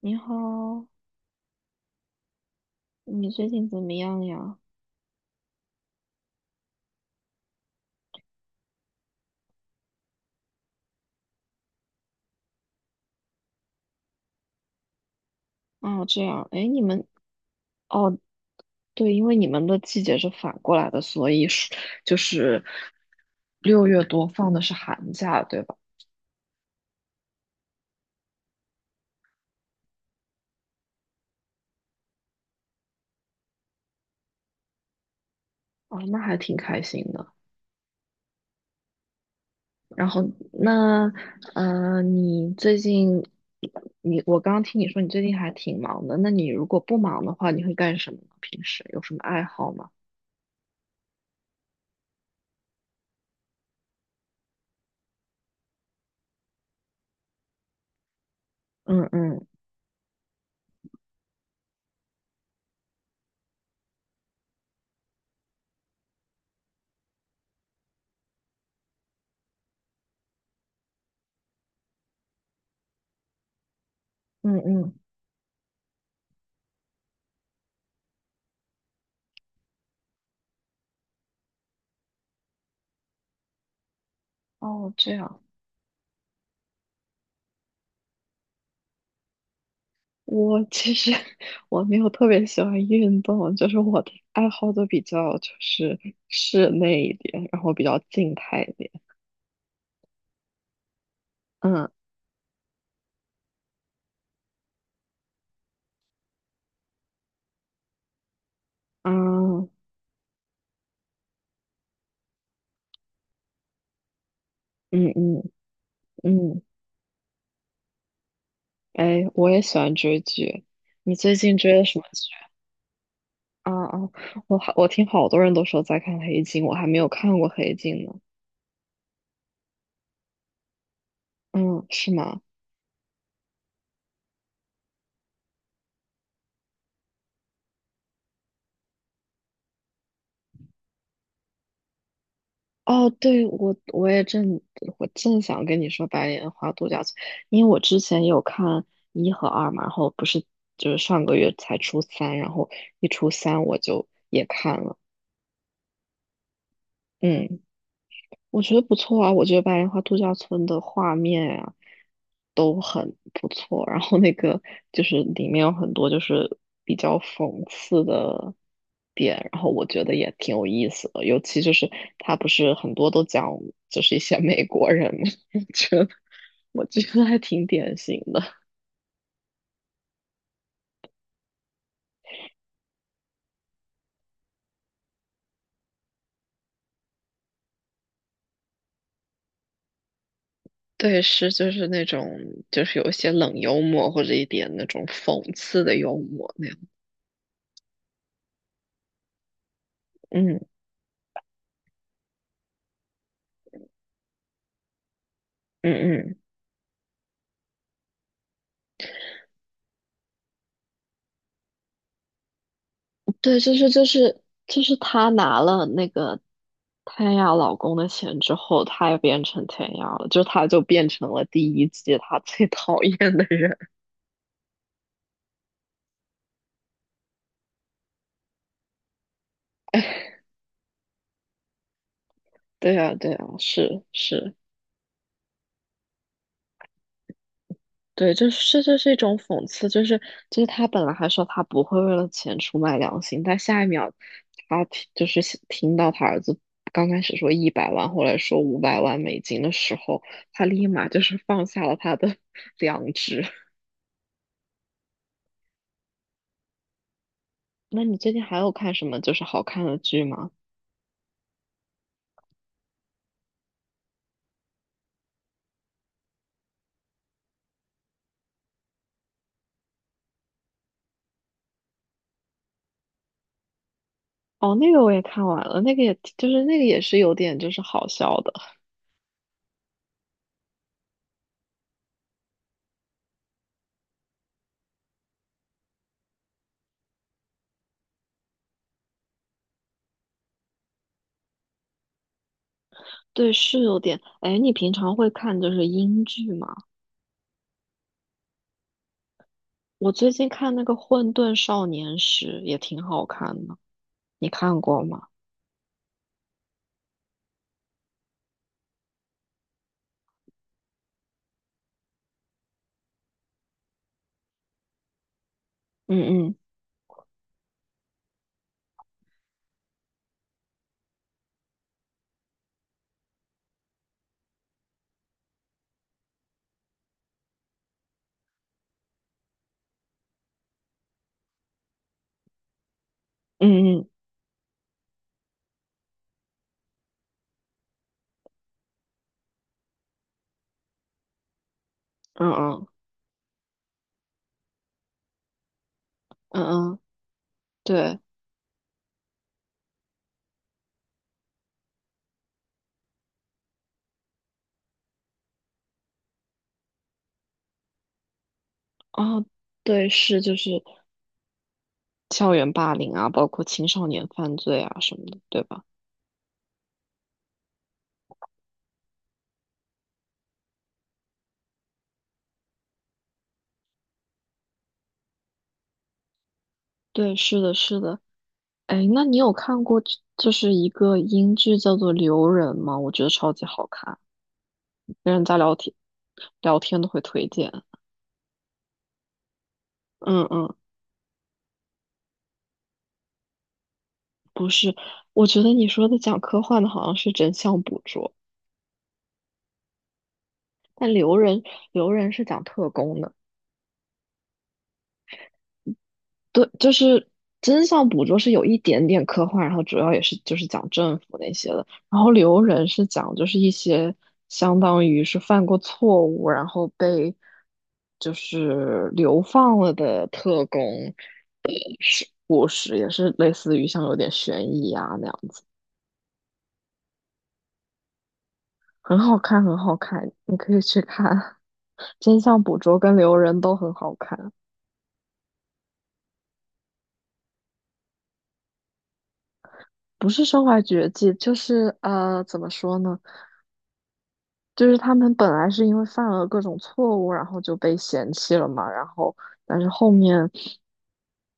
你好，你最近怎么样呀？哦，这样，哎，哦，对，因为你们的季节是反过来的，所以是就是六月多放的是寒假，对吧？哦，那还挺开心的。然后那，你最近，你我刚刚听你说你最近还挺忙的，那你如果不忙的话，你会干什么呢？平时有什么爱好吗？嗯嗯嗯嗯，哦，这样。我其实 我没有特别喜欢运动，就是我的爱好都比较就是室内一点，然后比较静态一点。嗯啊嗯嗯嗯，哎，我也喜欢追剧。你最近追的什么剧？啊啊，我听好多人都说在看《黑镜》，我还没有看过《黑镜》呢。嗯，是吗？哦，对，我正想跟你说白莲花度假村，因为我之前有看一和二嘛，然后不是就是上个月才出三，然后一出三我就也看了，嗯。我觉得不错啊，我觉得白莲花度假村的画面啊都很不错，然后那个就是里面有很多就是比较讽刺的点，然后我觉得也挺有意思的，尤其就是他不是很多都讲就是一些美国人嘛，我觉得我觉得还挺典型的，对，是就是那种就是有一些冷幽默或者一点那种讽刺的幽默那样，嗯嗯嗯。对，就是她拿了那个天涯老公的钱之后，他也变成天涯了，就他就变成了第一季他 最讨厌的人。对啊，对啊，是是，对，就是这就是一种讽刺，就是他本来还说他不会为了钱出卖良心，但下一秒就是想听到他儿子刚开始说一百万，后来说五百万美金的时候，他立马就是放下了他的 良知。那你最近还有看什么就是好看的剧吗？哦，那个我也看完了，那个也就是那个也是有点就是好笑的，对，是有点。哎，你平常会看就是英剧吗？我最近看那个《混沌少年时》也挺好看的，你看过吗？嗯嗯嗯嗯嗯嗯嗯嗯，对，哦对，是就是校园霸凌啊，包括青少年犯罪啊什么的，对吧？对，是的，是的。哎，那你有看过这就是一个英剧叫做《留人》吗？我觉得超级好看，跟人家聊天聊天都会推荐。嗯嗯，不是，我觉得你说的讲科幻的好像是真相捕捉，但《留人》是讲特工的。对，就是真相捕捉是有一点点科幻，然后主要也是就是讲政府那些的，然后留人是讲就是一些相当于是犯过错误，然后被就是流放了的特工故事，也是类似于像有点悬疑啊那样，很好看，很好看，你可以去看。真相捕捉跟留人都很好看，不是身怀绝技，就是呃，怎么说呢？就是他们本来是因为犯了各种错误，然后就被嫌弃了嘛，然后但是后面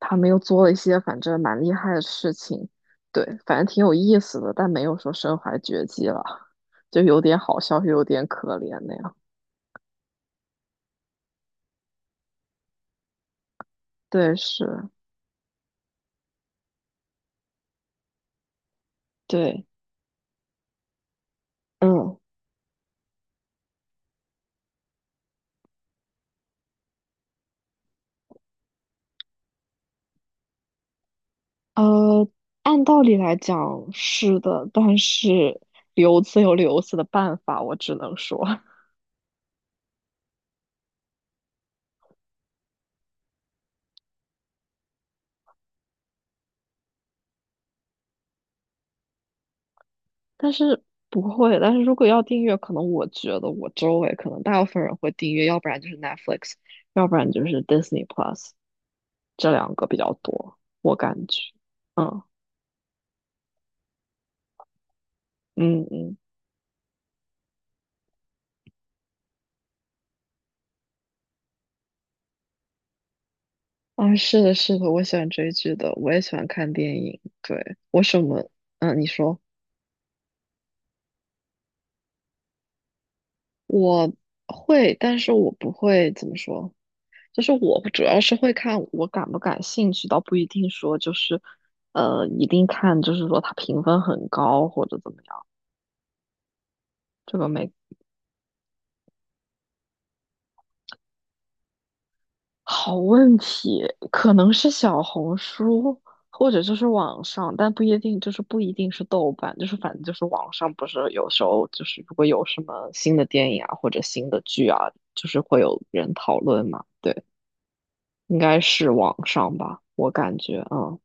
他们又做了一些反正蛮厉害的事情，对，反正挺有意思的，但没有说身怀绝技了，就有点好笑，又有点可怜那样。对，是，对，嗯，呃，按道理来讲是的，但是 留子有留子的办法，我只能说。但是不会，但是如果要订阅，可能我觉得我周围可能大部分人会订阅，要不然就是 Netflix，要不然就是 Disney Plus，这两个比较多，我感觉。嗯嗯嗯，啊，是的，是的，我喜欢追剧的，我也喜欢看电影。对，我什么？嗯，你说我会，但是我不会怎么说，就是我主要是会看我感不感兴趣，倒不一定说就是，一定看就是说它评分很高或者怎么样。这个没好问题，可能是小红书或者就是网上，但不一定，就是不一定是豆瓣，就是反正就是网上不是有时候就是如果有什么新的电影啊或者新的剧啊，就是会有人讨论嘛。对，应该是网上吧，我感觉，嗯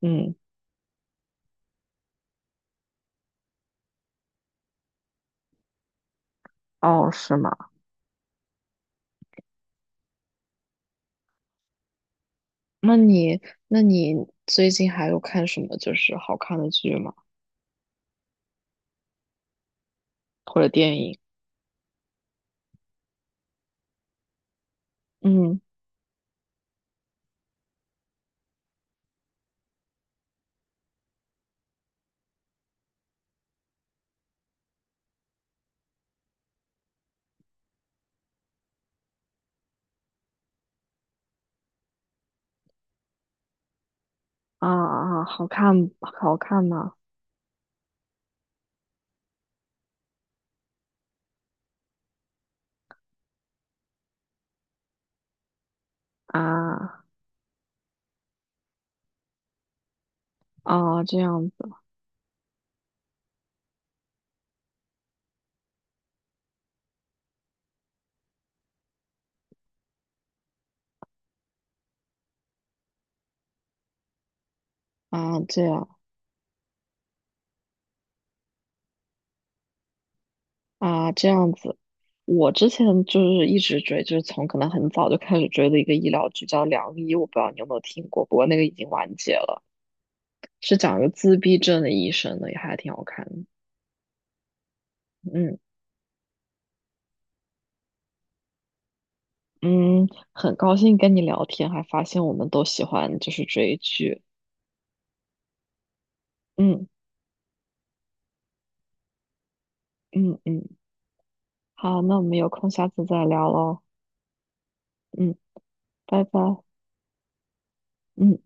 嗯，哦，是吗？那你那你最近还有看什么就是好看的剧吗？或者电影？嗯啊啊，好看好看吗？啊。啊，这样子啊，这样啊，这样子。我之前就是一直追，就是从可能很早就开始追的一个医疗剧叫《良医》，我不知道你有没有听过，不过那个已经完结了，是讲一个自闭症的医生的，也还挺好看的。嗯嗯，很高兴跟你聊天，还发现我们都喜欢就是追剧。嗯嗯嗯，好，那我们有空下次再聊喽。嗯，拜拜。嗯。